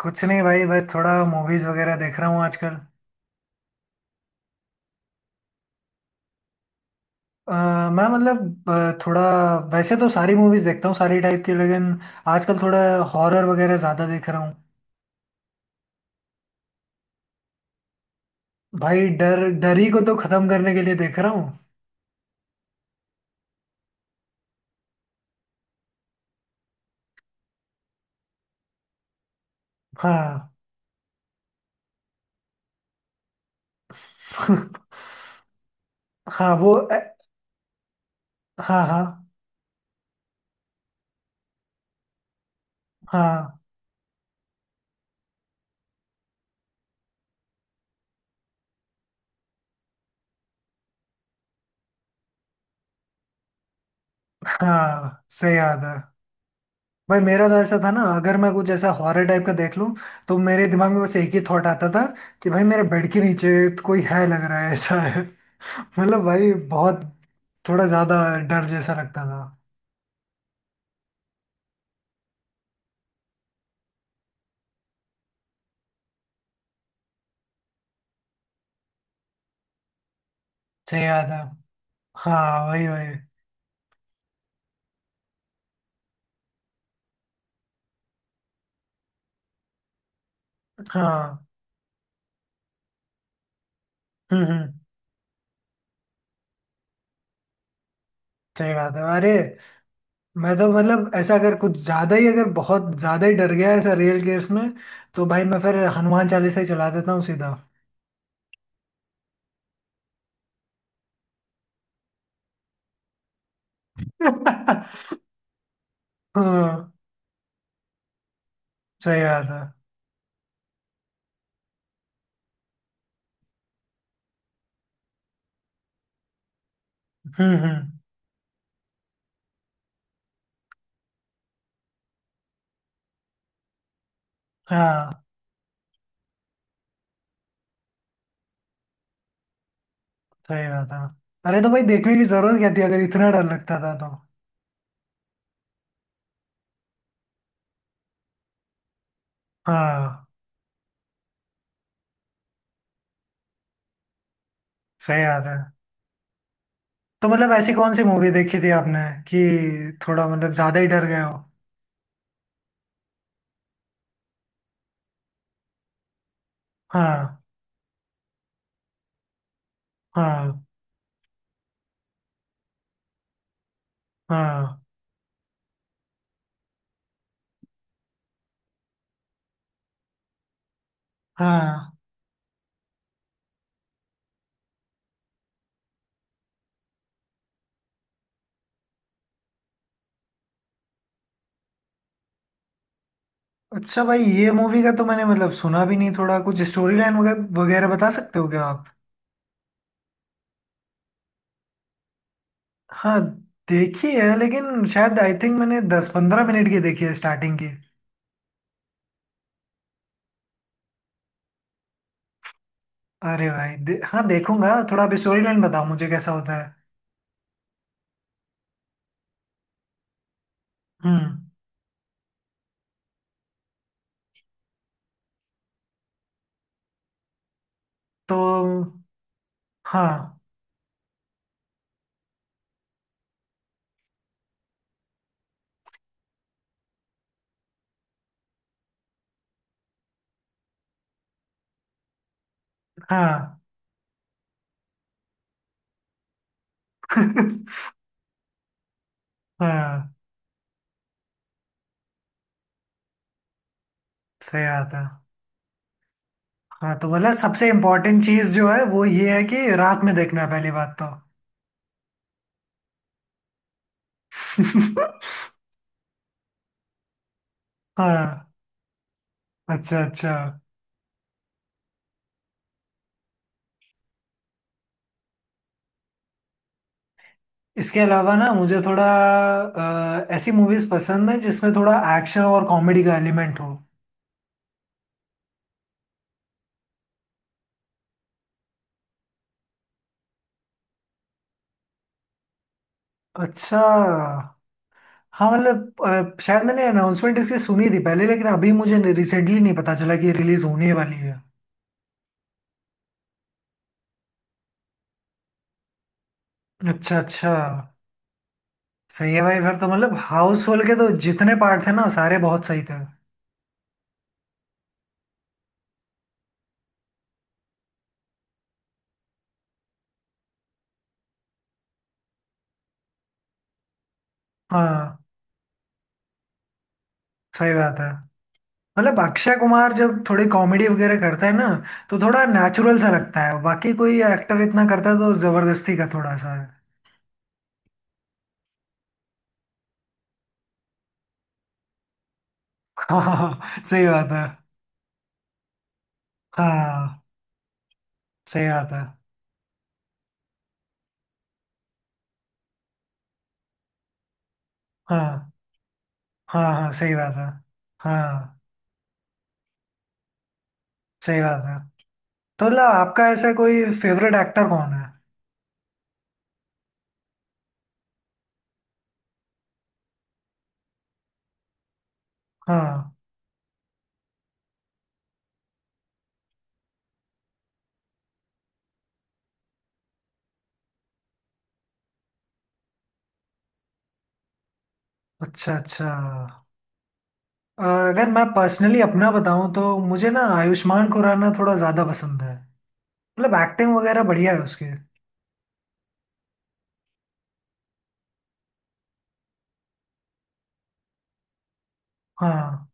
कुछ नहीं भाई। बस थोड़ा मूवीज वगैरह देख रहा हूँ आजकल। अ, मैं मतलब थोड़ा वैसे तो सारी मूवीज देखता हूँ सारी टाइप की, लेकिन आजकल थोड़ा हॉरर वगैरह ज्यादा देख रहा हूँ। भाई डर, डर ही को तो खत्म करने के लिए देख रहा हूँ। हाँ। हाँ वो हाँ हाँ। हाँ। हाँ, सही याद है। भाई मेरा तो ऐसा था ना, अगर मैं कुछ ऐसा हॉरर टाइप का देख लूं तो मेरे दिमाग में बस एक ही थॉट आता था कि भाई मेरे बेड के नीचे तो कोई है, लग रहा है ऐसा है। मतलब भाई बहुत थोड़ा ज्यादा डर जैसा लगता था। सही बात है। हाँ वही वही। हाँ। हम्म। हम्म। सही बात है। अरे मैं तो मतलब ऐसा, अगर कुछ ज्यादा ही अगर बहुत ज्यादा ही डर गया ऐसा रियल केस में तो भाई मैं फिर हनुमान चालीसा ही चला देता हूँ सीधा। हाँ, सही बात है। हम्म। हम्म। हाँ, सही बात है। अरे तो भाई देखने की जरूरत क्या थी अगर इतना डर लगता था तो? हाँ, सही बात है। तो मतलब ऐसी कौन सी मूवी देखी थी आपने कि थोड़ा मतलब ज्यादा ही डर गए हो? हाँ हाँ। हाँ। हाँ। अच्छा भाई, ये मूवी का तो मैंने मतलब सुना भी नहीं, थोड़ा कुछ स्टोरी लाइन वगैरह वगैरह बता सकते हो क्या आप? हाँ, देखी है लेकिन शायद आई थिंक मैंने 10-15 मिनट की देखी है, स्टार्टिंग की। अरे भाई हाँ देखूंगा, थोड़ा आप स्टोरी लाइन बताओ मुझे कैसा होता है। हम्म। तो हाँ। हाँ। हाँ, सही बात है। हाँ तो बोला सबसे इम्पोर्टेंट चीज जो है वो ये है कि रात में देखना है, पहली बात तो। हाँ। अच्छा, अच्छा। इसके अलावा ना मुझे थोड़ा ऐसी मूवीज पसंद है जिसमें थोड़ा एक्शन और कॉमेडी का एलिमेंट हो। अच्छा। हाँ मतलब शायद मैंने अनाउंसमेंट इसकी सुनी थी पहले लेकिन अभी मुझे रिसेंटली नहीं पता चला कि रिलीज होने वाली है। अच्छा, अच्छा। सही है भाई, फिर तो मतलब हाउस होल्ड के तो जितने पार्ट थे ना सारे बहुत सही थे। हाँ, सही बात है। मतलब अक्षय कुमार जब थोड़ी कॉमेडी वगैरह करता है ना तो थोड़ा नेचुरल सा लगता है, बाकी कोई एक्टर इतना करता है तो जबरदस्ती का थोड़ा सा है। हाँ हाँ हाँ, सही बात है। हाँ, सही बात है। हाँ हाँ हाँ, सही बात है। हाँ, सही बात है। तो मतलब आपका ऐसा कोई फेवरेट एक्टर कौन है? हाँ। अच्छा, अच्छा। अ, अगर मैं पर्सनली अपना बताऊं तो मुझे ना आयुष्मान खुराना थोड़ा ज़्यादा पसंद है। मतलब एक्टिंग वगैरह बढ़िया है उसके। हाँ।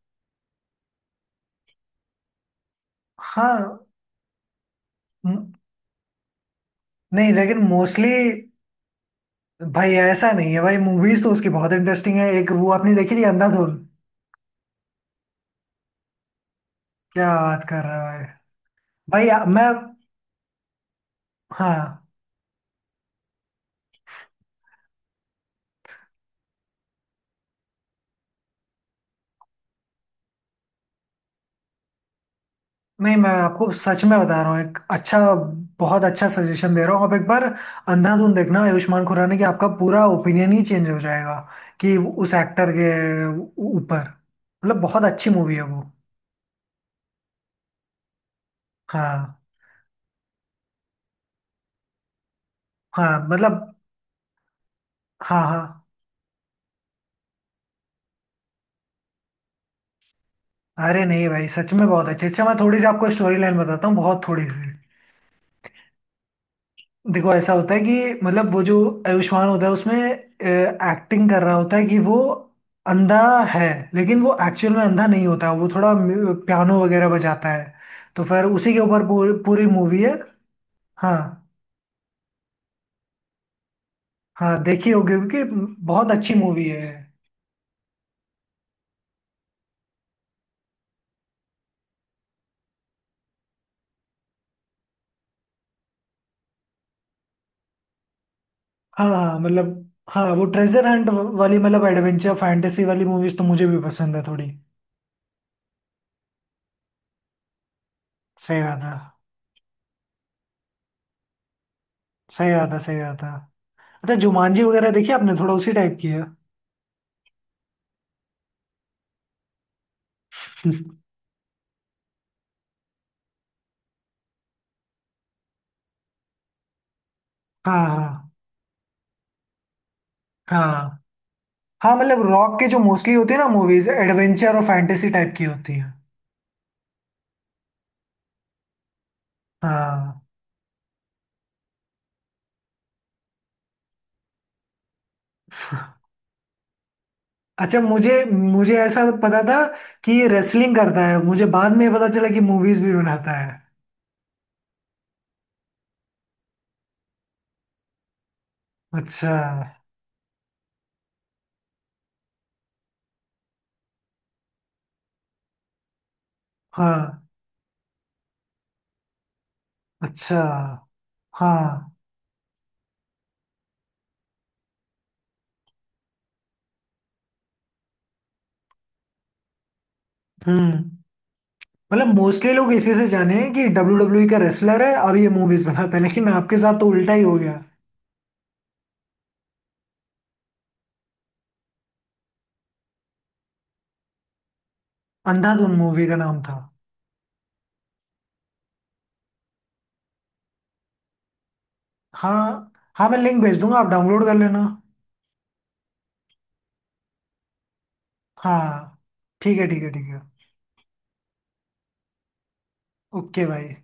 हाँ। म- नहीं लेकिन मोस्टली भाई ऐसा नहीं है, भाई मूवीज तो उसकी बहुत इंटरेस्टिंग है। एक वो आपने देखी थी अंधाधुन? क्या बात कर रहा है? भाई मैं। हाँ। नहीं, मैं आपको सच में बता रहा हूँ, एक अच्छा बहुत अच्छा सजेशन दे रहा हूँ आप एक बार अंधाधुन देखना आयुष्मान खुराना की, आपका पूरा ओपिनियन ही चेंज हो जाएगा कि उस एक्टर के ऊपर। मतलब बहुत अच्छी मूवी है वो। हाँ। हाँ मतलब। हाँ। हाँ। अरे नहीं भाई सच में बहुत अच्छी। अच्छा, मैं थोड़ी सी आपको स्टोरी लाइन बताता हूँ, बहुत थोड़ी सी। देखो ऐसा होता है कि मतलब वो जो आयुष्मान होता है उसमें एक्टिंग कर रहा होता है कि वो अंधा है, लेकिन वो एक्चुअल में अंधा नहीं होता, वो थोड़ा पियानो वगैरह बजाता है, तो फिर उसी के ऊपर पूरी मूवी है। हाँ। हाँ, देखी होगी क्योंकि बहुत अच्छी मूवी है। हाँ। हाँ मतलब। हाँ वो ट्रेजर हंट वाली, मतलब एडवेंचर फैंटेसी वाली मूवीज तो मुझे भी पसंद है थोड़ी। सही बात है। सही बात है। सही बात है। अच्छा, जुमानजी वगैरह देखी आपने? थोड़ा उसी टाइप की है। हाँ हाँ। हाँ। हाँ मतलब रॉक के जो मोस्टली होते हैं ना मूवीज एडवेंचर और फैंटेसी टाइप की होती है। हाँ। अच्छा मुझे मुझे ऐसा पता था कि ये रेसलिंग करता है, मुझे बाद में पता चला कि मूवीज भी बनाता है। अच्छा। हाँ। अच्छा। हाँ। हम्म। मतलब मोस्टली लोग इसी से जाने हैं कि WW का रेसलर है, अब ये मूवीज बनाता है, लेकिन आपके साथ तो उल्टा ही हो गया। अंधाधुन मूवी का नाम था। हाँ। हाँ, मैं लिंक भेज दूंगा आप डाउनलोड कर लेना। हाँ। ठीक है ठीक है ठीक है। ओके भाई।